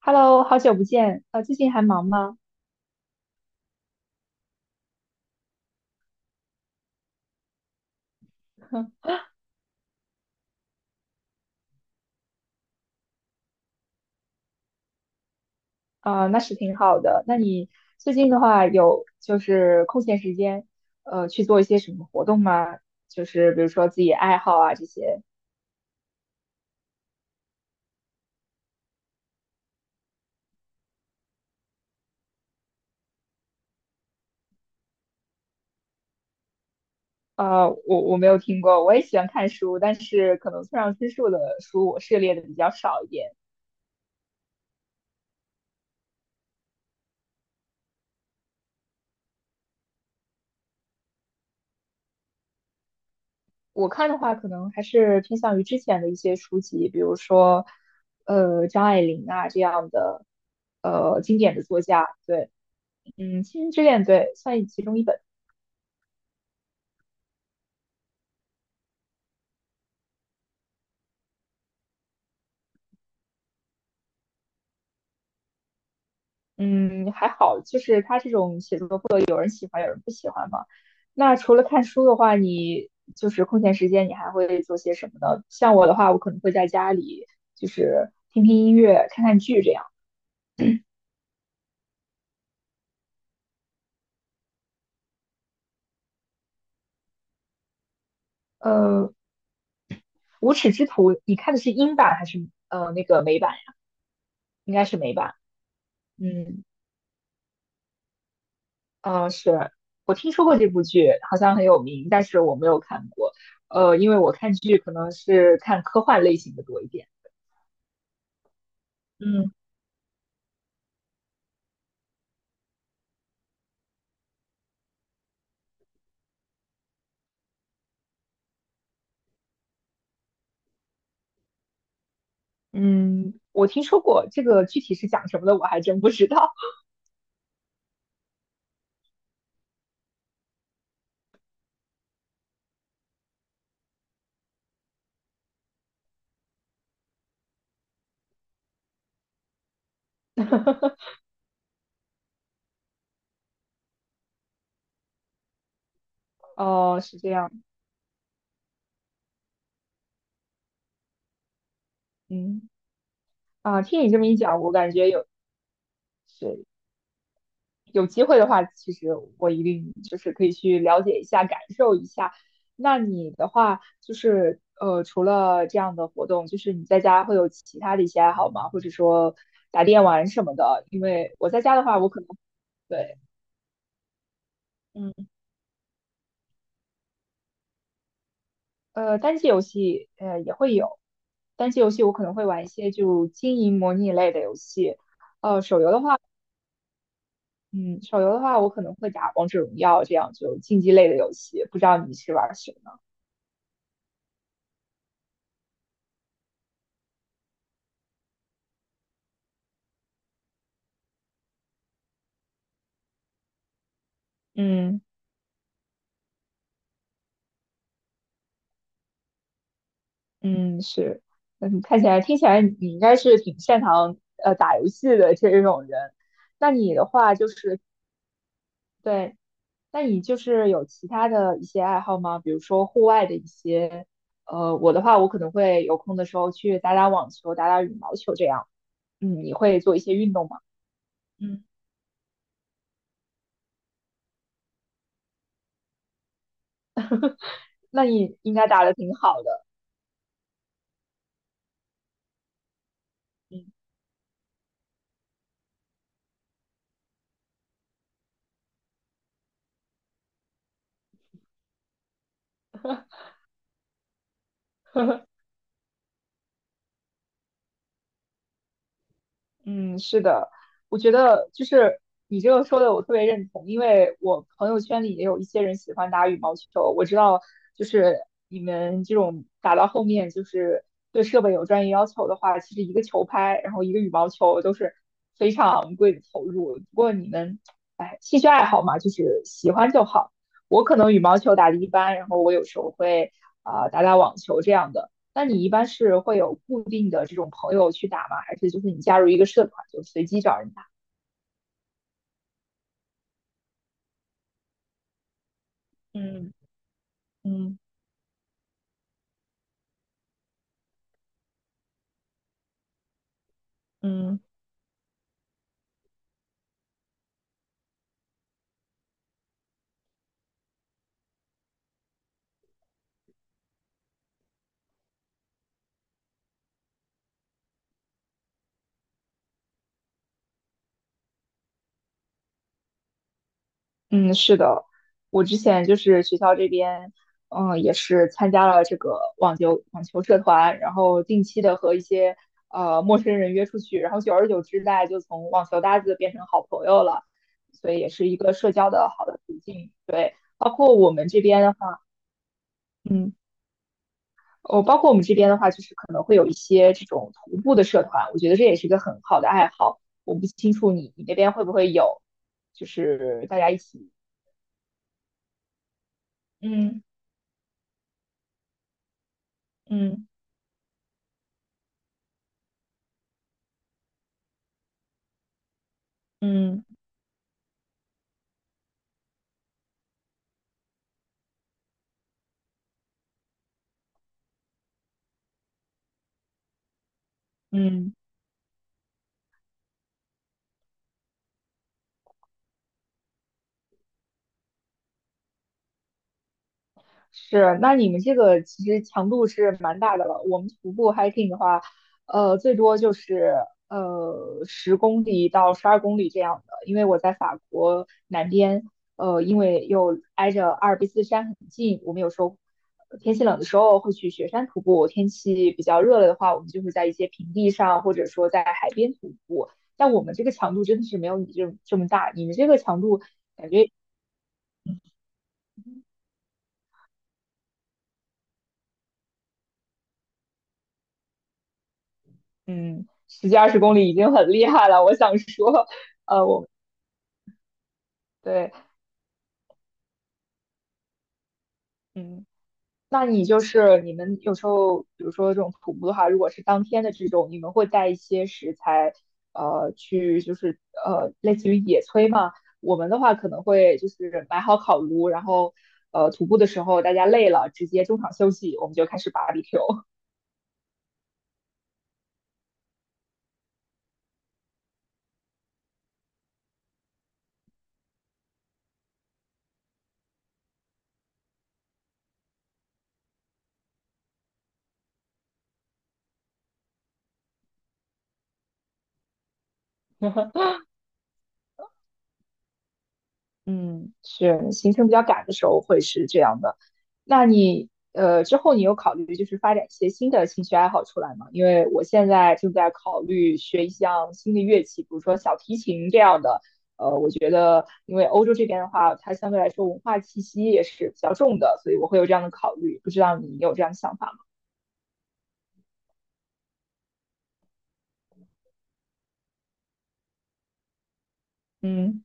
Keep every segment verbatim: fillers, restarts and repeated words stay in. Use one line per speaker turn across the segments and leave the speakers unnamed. Hello，好久不见，呃，最近还忙吗？啊、那是挺好的。那你最近的话有就是空闲时间，呃，去做一些什么活动吗？就是比如说自己爱好啊这些。呃，我我没有听过，我也喜欢看书，但是可能村上春树的书我涉猎的比较少一点。我看的话，可能还是偏向于之前的一些书籍，比如说，呃，张爱玲啊这样的，呃，经典的作家。对，嗯，《倾城之恋》对，算其中一本。嗯，还好，就是他这种写作不都喜欢，有人不喜欢嘛。那除了看书的话，你就是空闲时间，你还会做些什么呢？像我的话，我可能会在家里就是听听音乐、看看剧这样。呃，《无耻之徒》，你看的是英版还是呃那个美版？应该是美版。嗯，呃，是我听说过这部剧，好像很有名，但是我没有看过。呃，因为我看剧可能是看科幻类型的多一点。嗯。嗯，我听说过这个，具体是讲什么的我还真不知道。哦，是这样，嗯。啊，听你这么一讲，我感觉有是有机会的话，其实我一定就是可以去了解一下，感受一下。那你的话就是呃，除了这样的活动，就是你在家会有其他的一些爱好吗？或者说打电玩什么的？因为我在家的话，我可能对。嗯。呃，单机游戏呃也会有，单机游戏我可能会玩一些就经营模拟类的游戏，呃，手游的话，嗯，手游的话我可能会打王者荣耀这样就竞技类的游戏，不知道你是玩什么？嗯嗯，是，嗯，看起来听起来你应该是挺擅长呃打游戏的这种人，那你的话就是对。那你就是有其他的一些爱好吗？比如说户外的一些，呃，我的话，我可能会有空的时候去打打网球、打打羽毛球这样。嗯，你会做一些运动吗？嗯。那你应该打的挺好的。嗯。 嗯，是的，我觉得就是你这个说的我特别认同，因为我朋友圈里也有一些人喜欢打羽毛球，我知道就是你们这种打到后面就是对设备有专业要求的话，其实一个球拍，然后一个羽毛球都是非常昂贵的投入。不过你们，哎，兴趣爱好嘛，就是喜欢就好。我可能羽毛球打得一般，然后我有时候会啊、打打网球这样的。那你一般是会有固定的这种朋友去打吗？还是就是你加入一个社团就随机找人打？嗯嗯嗯嗯，是的，我之前就是学校这边，嗯，也是参加了这个网球网球社团，然后定期的和一些呃陌生人约出去，然后久而久之，大家就从网球搭子变成好朋友了，所以也是一个社交的好的途径。对，包括我们这边的话，嗯。哦，包括我们这边的话，就是可能会有一些这种徒步的社团，我觉得这也是一个很好的爱好。我不清楚你你那边会不会有，就是大家一起，嗯嗯嗯嗯。是，那你们这个其实强度是蛮大的了。我们徒步 hiking 的话，呃，最多就是呃十公里到十二公里这样的。因为我在法国南边，呃，因为又挨着阿尔卑斯山很近，我们有时候呃天气冷的时候会去雪山徒步，天气比较热了的话，我们就会在一些平地上，或者说在海边徒步。但我们这个强度真的是没有你这这么大，你们这个强度。感觉。嗯，十几二十公里已经很厉害了。我想说，呃，我对，嗯，那你就是你们有时候，比如说这种徒步的话，如果是当天的这种，你们会带一些食材，呃，去就是呃，类似于野炊嘛。我们的话可能会就是买好烤炉，然后呃，徒步的时候大家累了，直接中场休息，我们就开始 barbecue。嗯，是行程比较赶的时候会是这样的。那你呃之后你有考虑就是发展一些新的兴趣爱好出来吗？因为我现在正在考虑学一项新的乐器，比如说小提琴这样的。呃，我觉得因为欧洲这边的话，它相对来说文化气息也是比较重的，所以我会有这样的考虑。不知道你有这样的想法吗？嗯，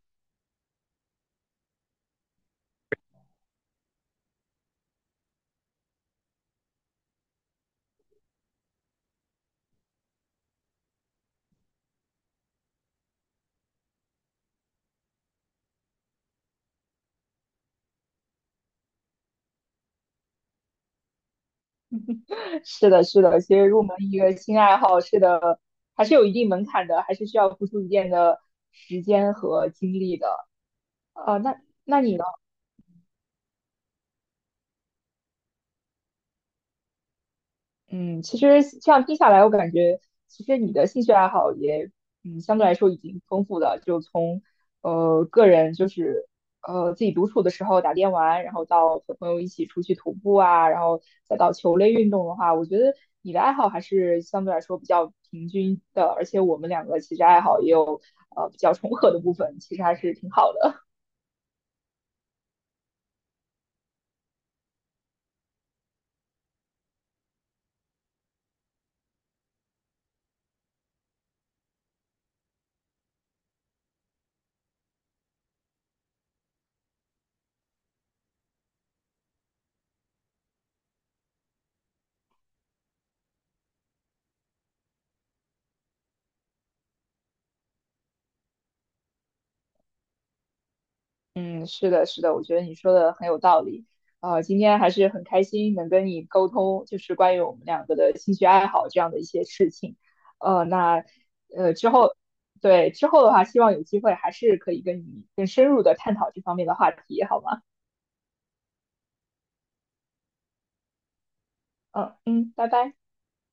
是的，是的，其实入门一个新爱好，是的，还是有一定门槛的，还是需要付出一定的时间和精力的。呃，那那你呢？嗯，其实这样听下来，我感觉其实你的兴趣爱好也，嗯，相对来说已经丰富了。就从呃个人就是呃自己独处的时候打电玩，然后到和朋友一起出去徒步啊，然后再到球类运动的话，我觉得你的爱好还是相对来说比较平均的。而且我们两个其实爱好也有呃比较重合的部分，其实还是挺好的。嗯，是的，是的，我觉得你说的很有道理。呃，今天还是很开心能跟你沟通，就是关于我们两个的兴趣爱好这样的一些事情。呃，那呃之后，对之后的话，希望有机会还是可以跟你更深入的探讨这方面的话题，好吗？嗯嗯，拜拜。